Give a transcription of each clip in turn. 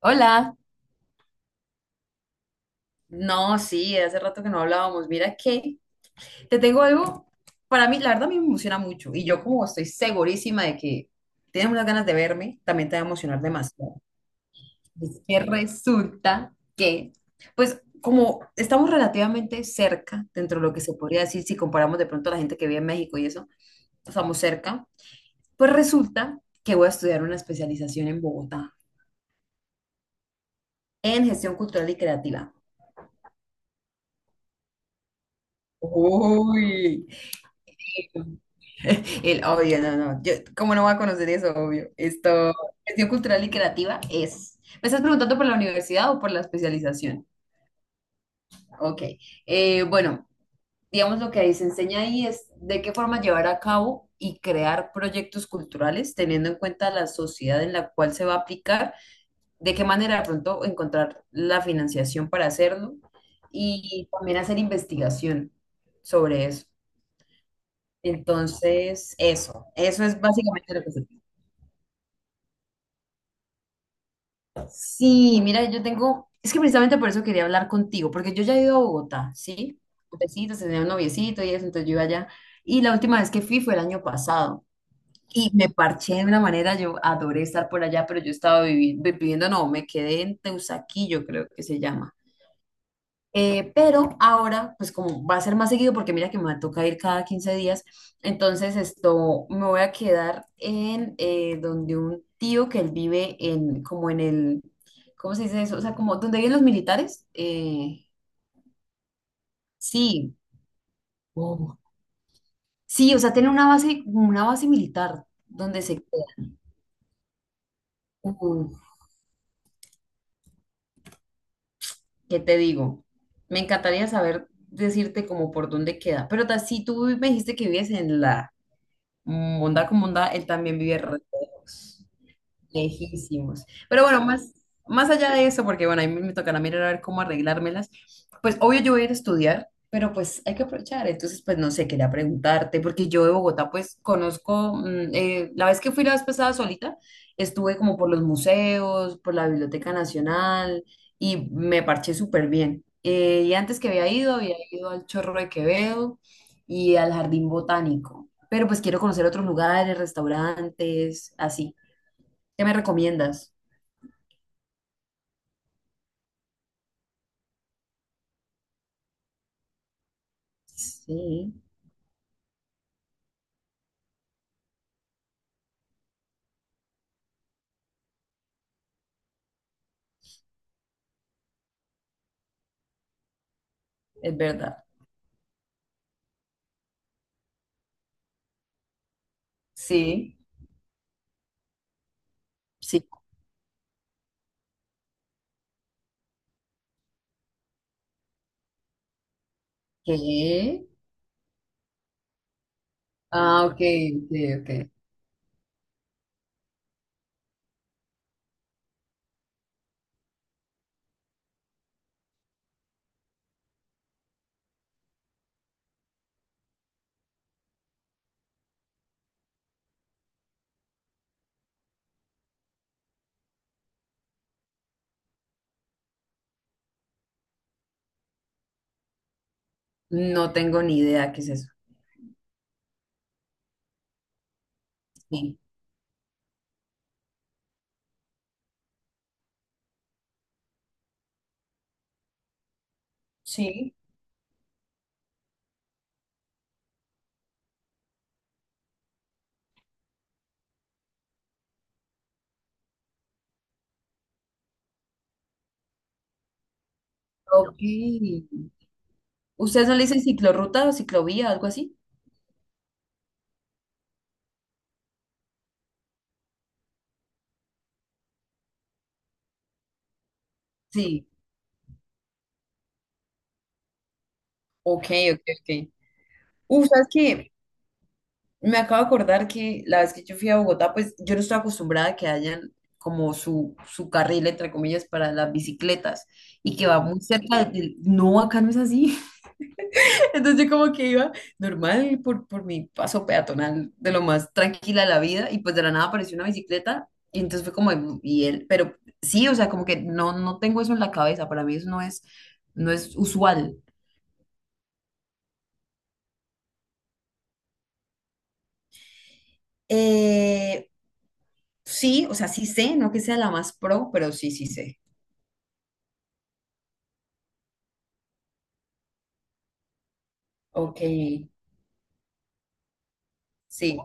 Hola, no, sí, hace rato que no hablábamos. Mira que te tengo algo, para mí, la verdad, a mí me emociona mucho y yo como estoy segurísima de que tienes unas ganas de verme, también te va a emocionar demasiado. Es que resulta que, pues, como estamos relativamente cerca, dentro de lo que se podría decir, si comparamos de pronto a la gente que vive en México y eso, estamos cerca, pues resulta que voy a estudiar una especialización en Bogotá, en gestión cultural y creativa. Uy. El obvio, no, no. Yo, ¿cómo no va a conocer eso, obvio? Esto, gestión cultural y creativa es. ¿Me estás preguntando por la universidad o por la especialización? Ok. Bueno, digamos lo que ahí se enseña ahí es de qué forma llevar a cabo y crear proyectos culturales, teniendo en cuenta la sociedad en la cual se va a aplicar, de qué manera de pronto encontrar la financiación para hacerlo y también hacer investigación sobre eso. Entonces, eso es básicamente lo que se. Sí, mira, yo tengo, es que precisamente por eso quería hablar contigo, porque yo ya he ido a Bogotá, ¿sí? Noviecitos, tenía un noviecito y eso, entonces yo iba allá. Y la última vez que fui fue el año pasado y me parché de una manera, yo adoré estar por allá, pero yo estaba viviendo, no, me quedé en Teusaquillo, creo que se llama. Pero ahora, pues como va a ser más seguido, porque mira que me toca ir cada 15 días, entonces esto me voy a quedar en donde un tío que él vive en, como en el, ¿cómo se dice eso? O sea, como donde viven los militares. Sí, Oh, sí, o sea, tiene una base militar donde se queda. uh, ¿Qué te digo? Me encantaría saber decirte como por dónde queda, pero si tú me dijiste que vives en la Bondad con bondad, él también vive re lejos. Lejísimos. Pero bueno, más allá de eso, porque bueno, ahí me tocará mirar a ver cómo arreglármelas, pues obvio yo voy a ir a estudiar, pero pues hay que aprovechar. Entonces, pues no sé, quería preguntarte, porque yo de Bogotá pues conozco, la vez que fui la vez pasada solita, estuve como por los museos, por la Biblioteca Nacional y me parché súper bien. Y antes que había ido al Chorro de Quevedo y al Jardín Botánico, pero pues quiero conocer otros lugares, restaurantes, así. ¿Qué me recomiendas? Sí, es verdad. Sí. Sí. ¿Qué? Ah, ok, ok, ok. No tengo ni idea qué es eso. Sí. Sí, ok. ¿Ustedes no le dicen ciclorruta o ciclovía, algo así? Sí, ok, ok, ok. ¿Sabes qué? Me acabo de acordar que la vez que yo fui a Bogotá, pues yo no estoy acostumbrada a que hayan como su carril, entre comillas, para las bicicletas y que va muy cerca de. No, acá no es así. Entonces yo como que iba normal por mi paso peatonal de lo más tranquila de la vida y pues de la nada apareció una bicicleta y entonces fue como, "Mm, y él, pero sí, o sea, como que no, no tengo eso en la cabeza, para mí eso no es, no es usual". Eh, sí, o sea, sí sé, no que sea la más pro, pero sí, sí sé. Ok, sí,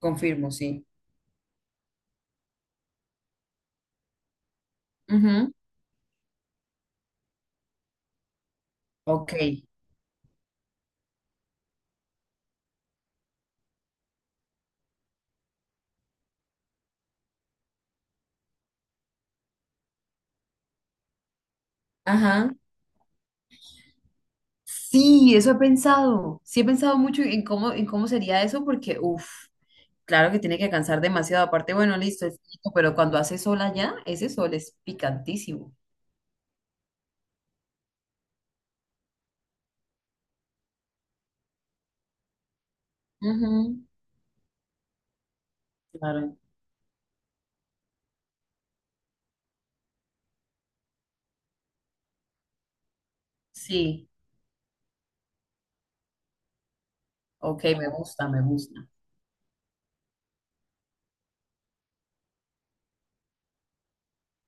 confirmo, sí. Ujú. Ok, ajá. Sí, eso he pensado, sí he pensado mucho en cómo sería eso porque, uff. Claro que tiene que cansar demasiado. Aparte, bueno, listo, es rico, pero cuando hace sol allá, ese sol es picantísimo. Ujú. Claro. Sí. Ok, me gusta, me gusta.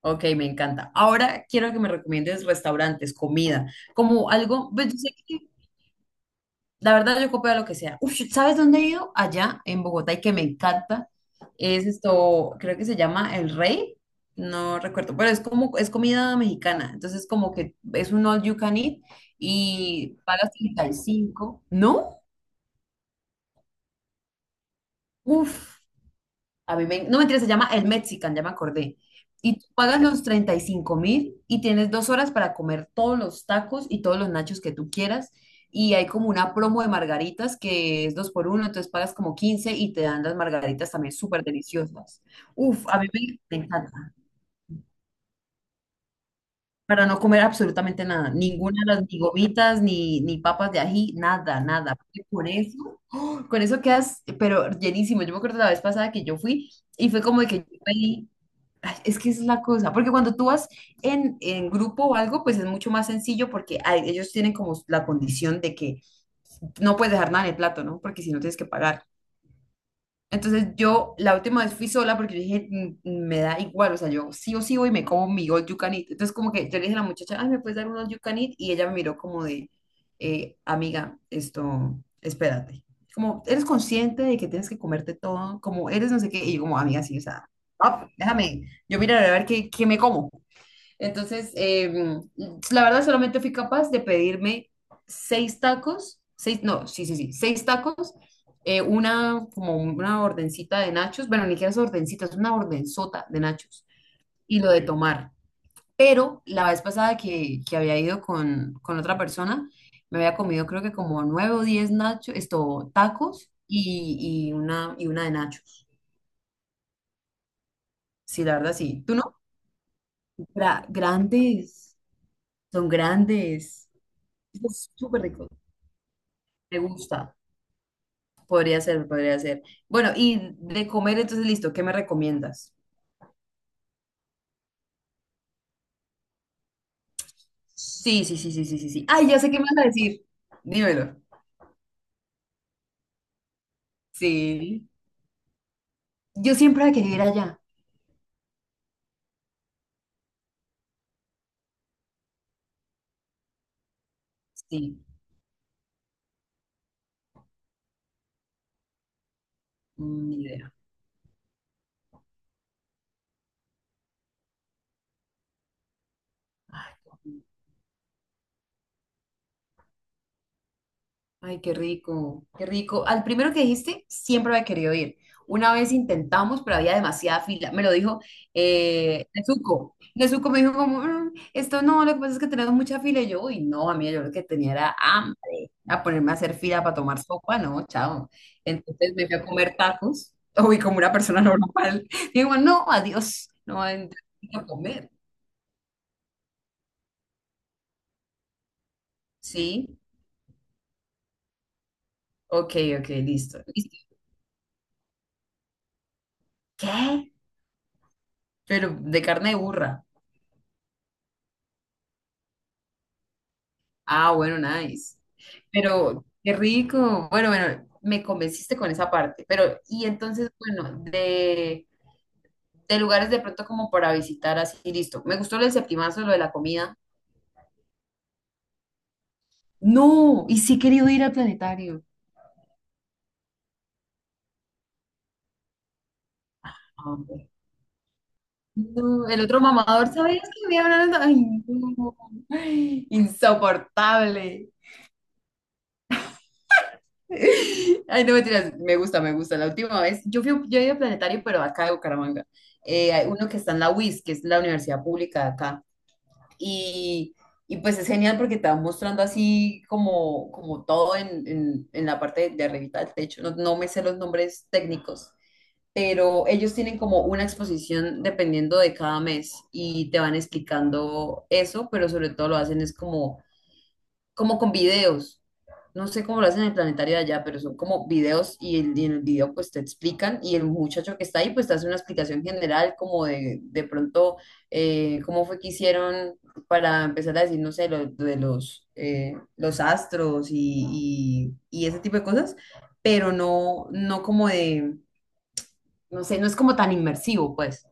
Ok, me encanta. Ahora quiero que me recomiendes restaurantes, comida, como algo, pues yo sé que. La verdad, yo copio de lo que sea. Uf, ¿sabes dónde he ido? Allá en Bogotá y que me encanta. Es esto, creo que se llama El Rey. No recuerdo, pero es como, es comida mexicana. Entonces, como que es un all you can eat y pagas 35. ¿No? Uf. A mí me, no mentira, se llama El Mexican, ya me acordé. Y tú pagas los 35.000 y tienes 2 horas para comer todos los tacos y todos los nachos que tú quieras. Y hay como una promo de margaritas que es dos por uno, entonces pagas como 15 y te dan las margaritas también súper deliciosas. Uf, a mí me, me encanta. Para no comer absolutamente nada, ninguna de las ni gomitas, ni, ni papas de ají, nada, nada. Porque con eso quedas, pero llenísimo. Yo me acuerdo la vez pasada que yo fui y fue como de que yo pedí. Ay. Es que esa es la cosa, porque cuando tú vas en grupo o algo, pues es mucho más sencillo porque ay, ellos tienen como la condición de que no puedes dejar nada en el plato, ¿no? Porque si no tienes que pagar. Entonces yo la última vez fui sola porque yo dije, "Mm, mm, me da igual, o sea, yo sí o sí voy y me como mi all you can eat". Entonces como que yo le dije a la muchacha, "ay, ¿me puedes dar un all you can eat?", y ella me miró como de, amiga, esto, espérate. Como, ¿eres consciente de que tienes que comerte todo? Como, ¿eres no sé qué? Y yo como, amiga, sí, o sea, ah, déjame, yo miraré a ver qué, qué me como. Entonces, la verdad solamente fui capaz de pedirme seis tacos, seis, no, sí, sí, sí, seis tacos, una, como una ordencita de nachos, bueno, ni siquiera es ordencita, es una ordenzota de nachos y lo de Ok. tomar. Pero la vez pasada que había ido con otra persona, me había comido creo que como 9 o 10 nachos, esto, tacos y una de nachos. Sí, la verdad, sí. ¿Tú no? Grandes, son grandes. Es súper rico. Me gusta. Podría ser, podría ser. Bueno, y de comer, entonces listo, ¿qué me recomiendas? Sí, sí, sí, sí, sí, sí, sí. Ay, ya sé qué me vas a decir. Dímelo. Sí. Yo siempre quería ir allá. Sí. Mm, ni idea. Ay, qué rico, qué rico. Al primero que dijiste, siempre había querido ir. Una vez intentamos, pero había demasiada fila. Me lo dijo Nezuko me dijo como, "Mm, esto no, lo que pasa es que tenemos mucha fila". Y yo, uy, no, a mí yo lo que tenía era hambre. A ponerme a hacer fila para tomar sopa, no, chao. Entonces me fui a comer tacos. Uy, como una persona normal. Digo, no, adiós, no, entonces, a comer. Sí, ok, ok, listo. Listo. ¿Qué? Pero de carne de burra. Ah, bueno, nice. Pero qué rico. Bueno, bueno, me convenciste con esa parte. Pero, y entonces, bueno, de lugares de pronto como para visitar así, listo. Me gustó lo del septimazo, lo de la comida. No, y sí he querido ir al planetario. Ah, ok. No, el otro mamador, ¿sabías que me hablaron? Ay, no. Ay, insoportable. Ay, no mentiras, me gusta, me gusta. La última vez, yo fui, yo he ido al planetario, pero acá de Bucaramanga. Hay uno que está en la UIS, que es la universidad pública de acá. Y, y pues es genial porque te van mostrando así como, como todo en, en la parte de arribita del techo. No, no me sé los nombres técnicos, pero ellos tienen como una exposición dependiendo de cada mes y te van explicando eso, pero sobre todo lo hacen es como como con videos. No sé cómo lo hacen en el planetario de allá, pero son como videos y en el video pues te explican y el muchacho que está ahí pues te hace una explicación general como de pronto cómo fue que hicieron para empezar a decir, no sé, lo, de los astros y ese tipo de cosas, pero no, no como de, no sé, no es como tan inmersivo pues.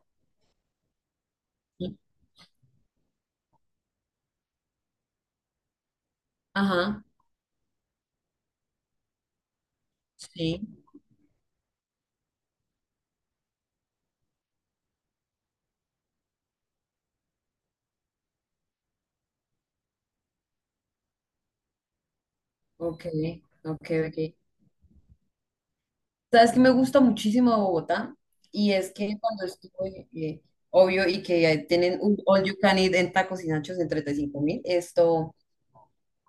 Ajá, sí, ok, ok, ok. Sabes que me gusta muchísimo de Bogotá y es que cuando estuve, obvio, y que tienen un all you can eat en tacos y nachos en 35.000, esto,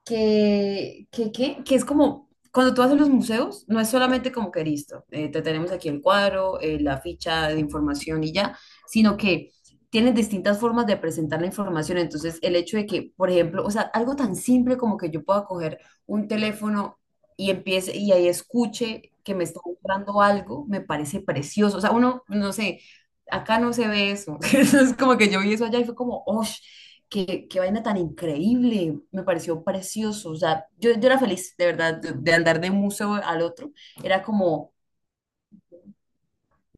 que es como, cuando tú vas a los museos, no es solamente como que listo, te tenemos aquí el cuadro, la ficha de información y ya, sino que tienen distintas formas de presentar la información. Entonces, el hecho de que, por ejemplo, o sea, algo tan simple como que yo pueda coger un teléfono y empiece y ahí escuche que me está mostrando algo, me parece precioso. O sea, uno, no sé, acá no se ve eso. Es como que yo vi eso allá y fue como, ¡oh! Qué vaina tan increíble, me pareció precioso. O sea, yo era feliz, de verdad, de andar de un museo al otro. Era como,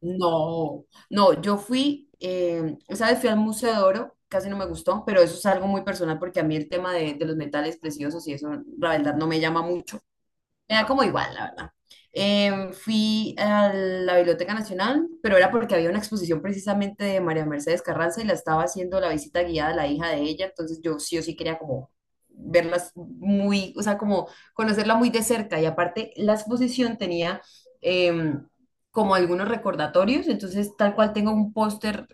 no, no, yo fui, esa vez fui al Museo de Oro, casi no me gustó, pero eso es algo muy personal porque a mí el tema de los metales preciosos y eso, la verdad, no me llama mucho. Me da como igual, la verdad. Fui a la Biblioteca Nacional, pero era porque había una exposición precisamente de María Mercedes Carranza y la estaba haciendo la visita guiada a la hija de ella, entonces yo sí o sí quería como verlas muy, o sea, como conocerla muy de cerca y aparte la exposición tenía em, como algunos recordatorios, entonces tal cual tengo un póster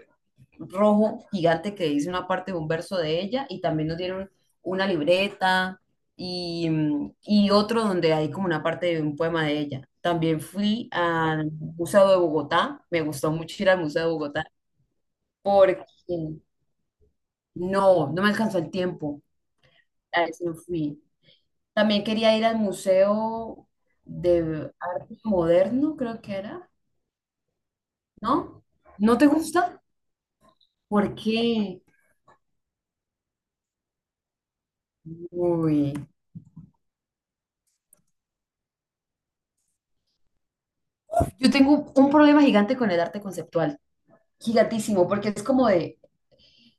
rojo gigante que dice una parte de un verso de ella y también nos dieron una libreta y, y otro donde hay como una parte de un poema de ella. También fui al Museo de Bogotá, me gustó mucho ir al Museo de Bogotá porque no, no me alcanzó el tiempo, a ese no fui. También quería ir al Museo de Arte Moderno, creo que era, ¿no? ¿No te gusta? ¿Por qué? Uy. Yo tengo un problema gigante con el arte conceptual, gigantísimo, porque es como de,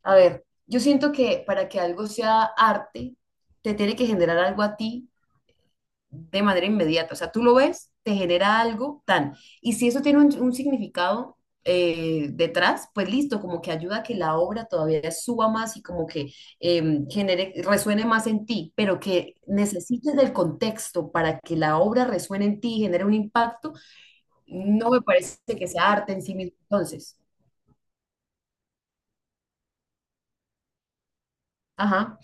a ver, yo siento que para que algo sea arte, te tiene que generar algo a ti de manera inmediata. O sea, tú lo ves, te genera algo tan. Y si eso tiene un significado detrás, pues listo, como que ayuda a que la obra todavía suba más y como que genere, resuene más en ti, pero que necesites del contexto para que la obra resuene en ti y genere un impacto no me parece que sea arte en sí mismo, entonces. Ajá,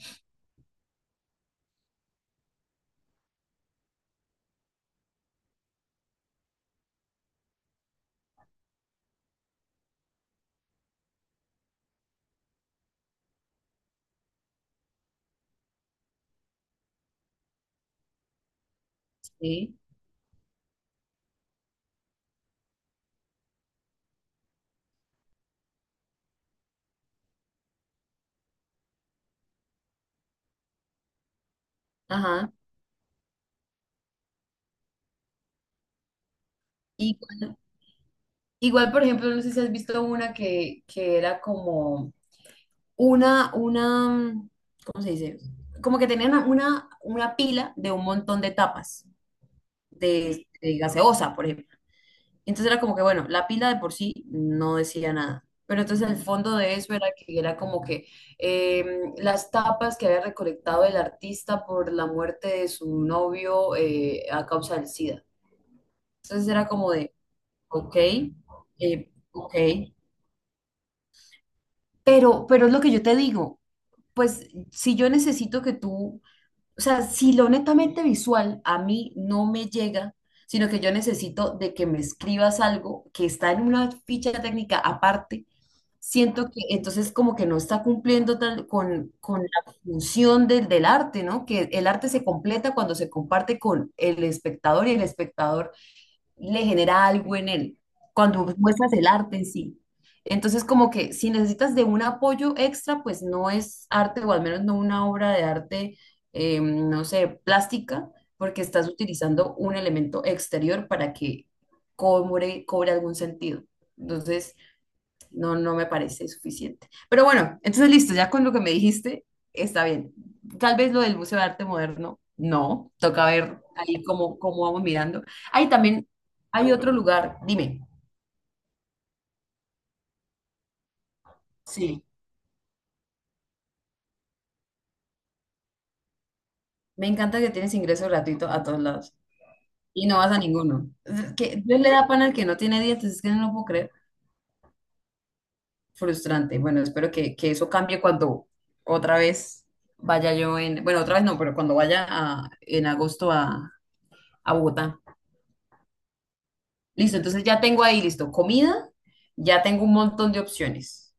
sí, ajá. Igual, igual, por ejemplo, no sé si has visto una que era como una, ¿cómo se dice? Como que tenían una pila de un montón de tapas de gaseosa, por ejemplo. Entonces era como que, bueno, la pila de por sí no decía nada. Pero entonces el fondo de eso era que era como que las tapas que había recolectado el artista por la muerte de su novio a causa del SIDA. Entonces era como de, ok, ok. Pero es lo que yo te digo, pues si yo necesito que tú, o sea, si lo netamente visual a mí no me llega, sino que yo necesito de que me escribas algo que está en una ficha técnica aparte, siento que entonces como que no está cumpliendo tal con la función del, del arte, ¿no? Que el arte se completa cuando se comparte con el espectador y el espectador le genera algo en él, cuando muestras el arte en sí. Entonces, como que si necesitas de un apoyo extra, pues no es arte, o al menos no una obra de arte, no sé, plástica, porque estás utilizando un elemento exterior para que cobre, cobre algún sentido. Entonces, no, no me parece suficiente. Pero bueno, entonces listo, ya con lo que me dijiste, está bien. Tal vez lo del Museo de Arte Moderno, no, toca ver ahí cómo, cómo vamos mirando. Ahí también hay otro lugar, dime. Sí, me encanta que tienes ingreso gratuito a todos lados y no vas a ninguno. Es que Dios le da pan al que no tiene dientes, es que no lo puedo creer. Frustrante. Bueno, espero que eso cambie cuando otra vez vaya yo en, bueno, otra vez no, pero cuando vaya a- en agosto a Bogotá. Listo, entonces ya tengo ahí, listo, comida, ya tengo un montón de opciones.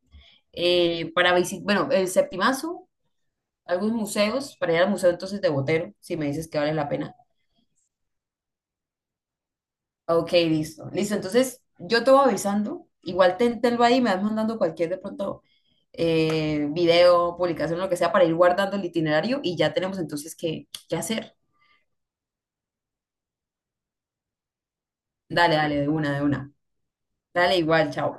Para visitar, bueno, el Septimazo, algunos museos, para ir al museo entonces de Botero, si me dices que vale la pena. Ok, listo, listo, entonces yo te voy avisando, igual ten, tenlo ahí, me vas mandando cualquier de pronto video, publicación, lo que sea, para ir guardando el itinerario y ya tenemos entonces qué, qué hacer. Dale, dale, de una, de una. Dale, igual, chao.